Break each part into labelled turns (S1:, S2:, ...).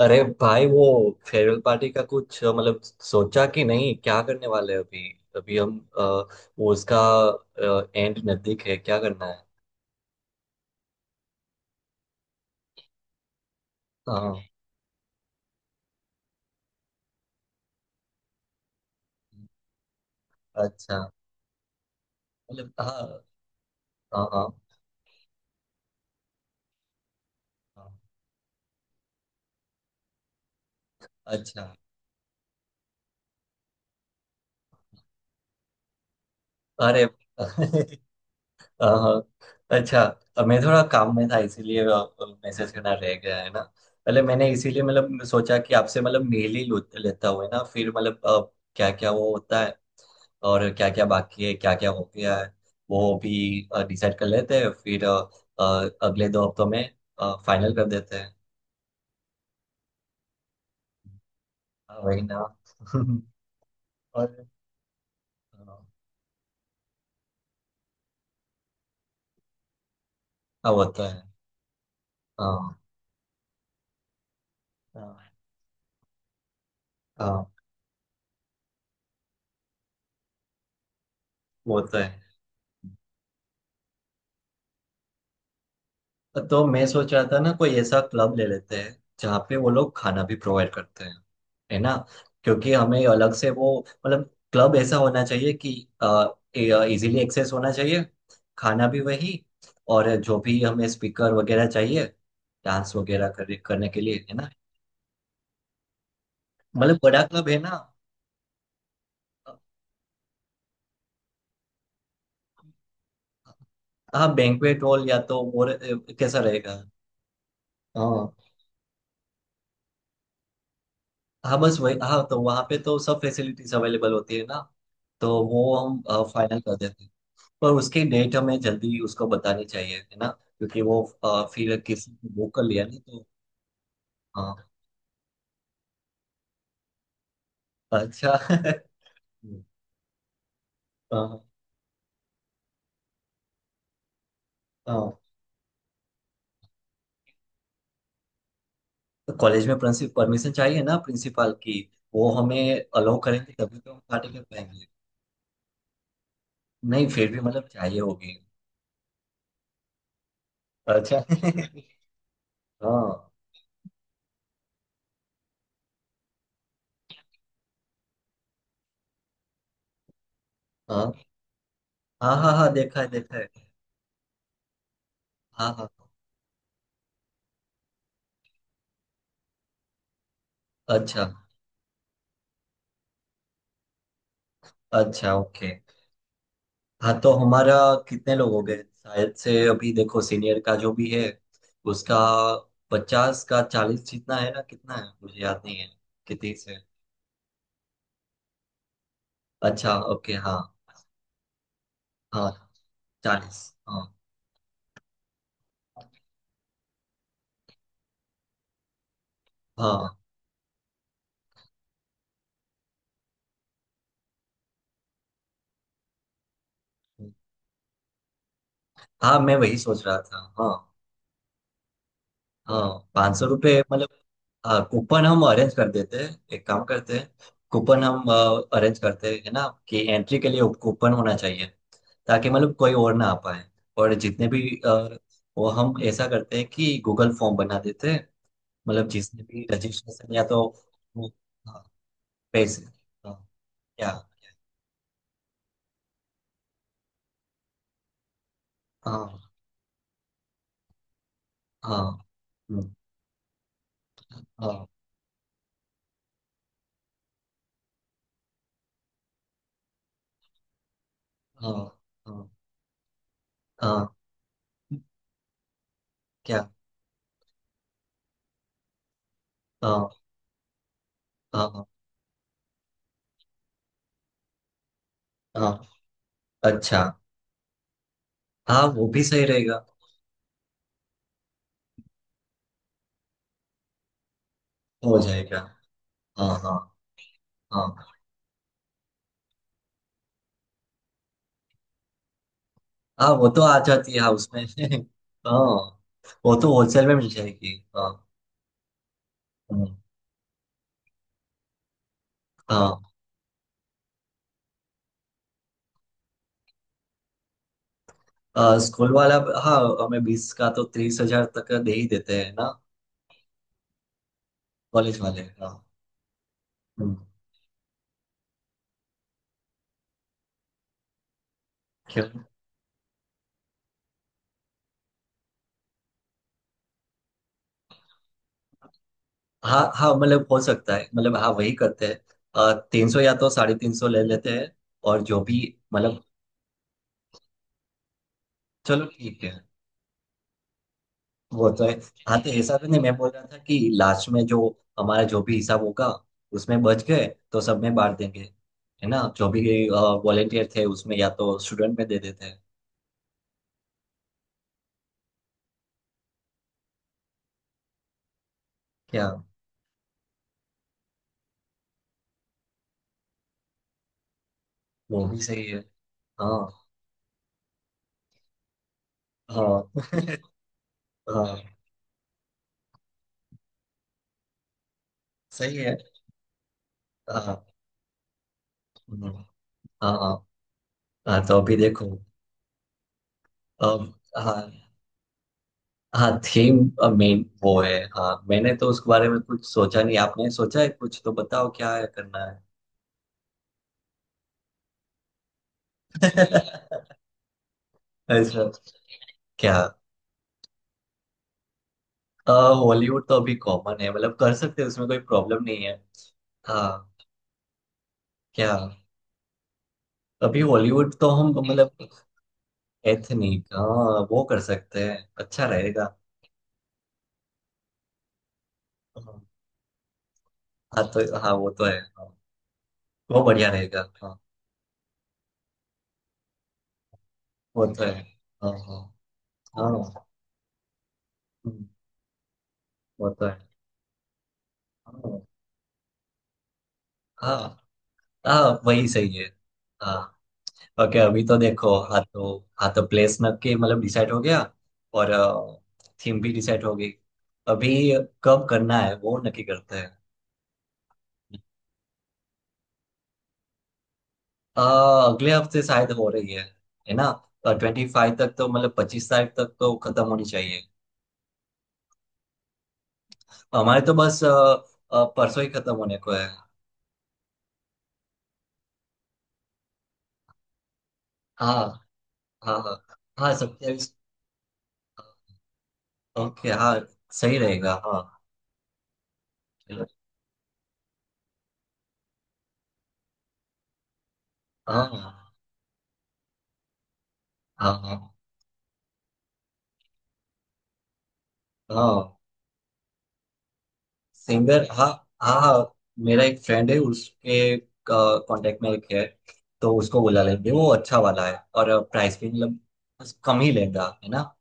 S1: अरे भाई वो फेयरवेल पार्टी का कुछ मतलब सोचा कि नहीं क्या करने वाले हैं। अभी अभी हम वो उसका एंड नजदीक है, क्या करना है। हाँ। अच्छा। मतलब हाँ। हाँ हाँ। हाँ, अच्छा। अरे हाँ। अच्छा, अब मैं थोड़ा काम में था इसीलिए मैसेज करना रह गया है ना। पहले मैंने इसीलिए मतलब सोचा कि आपसे मतलब मेल ही लेता हुआ ना, फिर मतलब क्या क्या वो होता है और क्या क्या बाकी है, क्या क्या हो गया है। वो भी डिसाइड कर लेते हैं फिर अगले दो हफ्तों में फाइनल कर देते हैं। हाँ, वही ना। और हाँ, वो तो है। हाँ हाँ। हाँ, वो तो है। तो मैं सोच रहा था ना, कोई ऐसा क्लब ले लेते हैं जहाँ पे वो लोग खाना भी प्रोवाइड करते हैं, है ना। क्योंकि हमें अलग से वो मतलब क्लब ऐसा होना चाहिए कि इजीली एक्सेस होना चाहिए, खाना भी वही, और जो भी हमें स्पीकर वगैरह चाहिए डांस वगैरह करने के लिए, है ना। मतलब बड़ा क्लब है ना। हाँ, बैंक्वेट हॉल या तो, और कैसा रहेगा। हाँ। हाँ, बस वही। हाँ, तो वहाँ पे तो सब फैसिलिटीज अवेलेबल होती है ना। तो वो हम फाइनल कर देते हैं। पर उसकी डेट हमें जल्दी उसको बतानी चाहिए है ना, क्योंकि वो फिर किसी को बुक कर लिया ना तो। हाँ। अच्छा हाँ। हाँ, तो कॉलेज में प्रिंसिपल परमिशन चाहिए ना, प्रिंसिपल की। वो हमें अलाउ करेंगे तभी तो हम पार्टी कर पाएंगे। नहीं, फिर भी मतलब चाहिए होगी। अच्छा हाँ। हाँ हाँ हाँ, हाँ देखा है देखा है। हाँ हाँ हाँ। अच्छा। अच्छा ओके। हाँ तो हमारा कितने लोग हो गए, शायद से अभी देखो सीनियर का जो भी है, उसका 50 का 40 जितना है ना, कितना है मुझे याद नहीं है। कितनी से। अच्छा ओके। हाँ। हाँ 40। हाँ। हाँ हाँ, मैं वही सोच रहा था। हाँ। हाँ, 500 रुपये मतलब। हाँ, कूपन हम अरेंज कर देते हैं, एक काम करते हैं। कूपन हम अरेंज करते हैं, है ना, कि एंट्री के लिए कूपन होना चाहिए, ताकि मतलब कोई और ना आ पाए। और जितने भी वो हम ऐसा करते हैं कि गूगल फॉर्म बना देते हैं, मतलब जिसने भी रजिस्ट्रेशन या तो वो, हाँ, पैसे। हाँ, क्या। हाँ हाँ। हम्म, हाँ हाँ हाँ। हाँ, क्या। हाँ हाँ हाँ। हाँ, अच्छा। हाँ, वो भी सही रहेगा। हो जाएगा। हाँ हाँ। हाँ। हाँ वो तो आ जाती है, हाँ उसमें हाँ, वो तो होलसेल में मिल जाएगी। हाँ। हम्म, हाँ। स्कूल वाला। हाँ, हमें 20 का तो 30,000 तक दे ही देते हैं ना। कॉलेज वाले। हाँ। हम्म, क्यों। हाँ हाँ, मतलब हो सकता है, मतलब हाँ वही करते हैं, 300 या तो 350 ले लेते हैं। और जो भी मतलब। चलो ठीक है। वो तो है। हाँ, तो ऐसा तो नहीं, मैं बोल रहा था कि लास्ट में जो हमारा जो भी हिसाब होगा उसमें बच गए तो सब में बांट देंगे, है ना, जो भी वॉलेंटियर थे उसमें या तो स्टूडेंट में दे देते हैं। क्या। वो भी सही है। हाँ हाँ। हाँ सही है। हाँ। हम्म, हाँ हाँ। हाँ, तो अभी देखो। अब। हाँ। हाँ थीम। मेन वो है। हाँ मैंने तो उसके बारे में कुछ सोचा नहीं, आपने सोचा है कुछ तो बताओ क्या है करना है। अच्छा। क्या। हॉलीवुड तो अभी कॉमन है, मतलब कर सकते हैं, उसमें कोई प्रॉब्लम नहीं है। हाँ। क्या। अभी हॉलीवुड तो हम मतलब। एथनिक हाँ, वो कर सकते हैं। अच्छा रहेगा। हाँ। हाँ, तो हाँ वो तो है। हाँ, वो बढ़िया रहेगा। हाँ। वो तो है। हाँ हाँ। हाँ। हम्म, वो तो है। हाँ। हाँ, हाँ, वही सही है। हाँ। ओके अभी तो देखो, हाँ तो प्लेस में के मतलब डिसाइड हो गया, और थीम भी डिसाइड हो गई। अभी कब करना है वो नक्की करते हैं। आ, अगले हफ्ते शायद हो रही है ना। 25 तक तो मतलब 25 तारीख तक तो खत्म होनी चाहिए। हमारे तो बस परसों ही खत्म होने को है। हाँ हाँ। हाँ। हाँ 27। ओके हाँ, सही रहेगा। हाँ। चलो। हाँ हाँ। हाँ। हाँ सिंगर। हाँ हाँ। हाँ मेरा एक फ्रेंड है, उसके कांटेक्ट में एक है, तो उसको बुला लेंगे। वो अच्छा वाला है और प्राइस भी मतलब बस कम ही लेगा, है ना।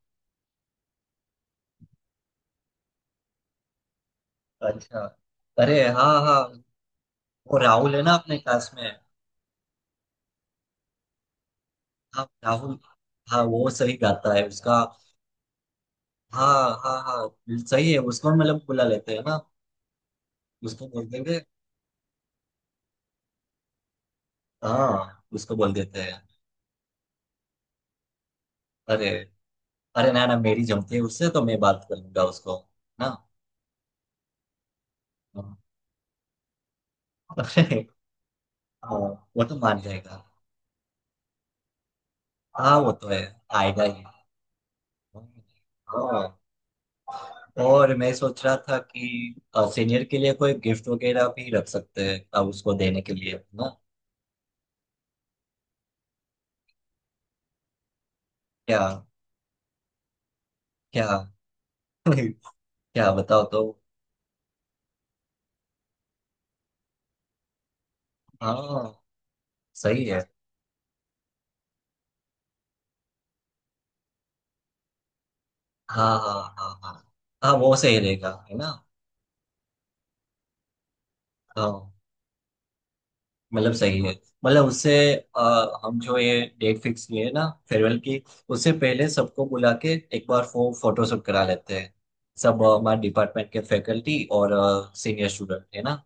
S1: अच्छा। अरे हाँ हाँ। वो राहुल है ना, अपने क्लास में। हाँ राहुल। हाँ वो सही गाता है उसका। हाँ हाँ हाँ सही है, उसको मतलब बुला लेते हैं ना। उसको बोल देंगे। हाँ उसको बोल देते हैं। अरे। अरे, ना ना, मेरी जमती है उससे, तो मैं बात कर लूंगा उसको। ना। हाँ। हाँ, वो तो मान जाएगा। हाँ, वो तो है। आएगा ही। हाँ। और मैं सोच रहा था कि सीनियर के लिए कोई गिफ्ट वगैरह भी रख सकते हैं अब, उसको देने के लिए ना। क्या। क्या। क्या बताओ तो। हाँ सही है। हाँ हाँ हाँ हाँ। हाँ वो सही रहेगा, है ना। हाँ, मतलब सही है। मतलब उससे हम जो ये डेट फिक्स किए हैं ना फेयरवेल की, उससे पहले सबको बुला के एक बार फोटोशूट करा लेते हैं। सब अ, हमारे डिपार्टमेंट के फैकल्टी और सीनियर स्टूडेंट है ना।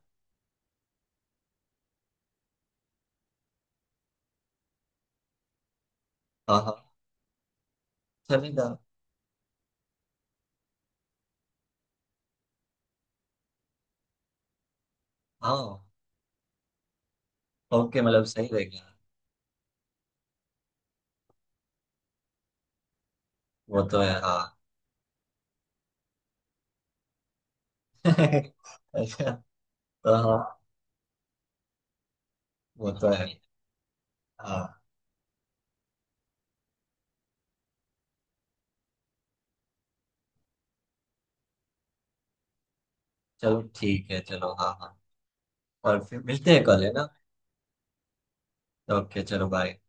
S1: हाँ हाँ। चलेगा। हाँ ओके, मतलब सही रहेगा। वो तो है। हाँ अच्छा। तो हाँ। वो तो है। हाँ। चलो ठीक है, चलो हाँ हाँ। और फिर मिलते हैं कल, है ना। ओके चलो बाय।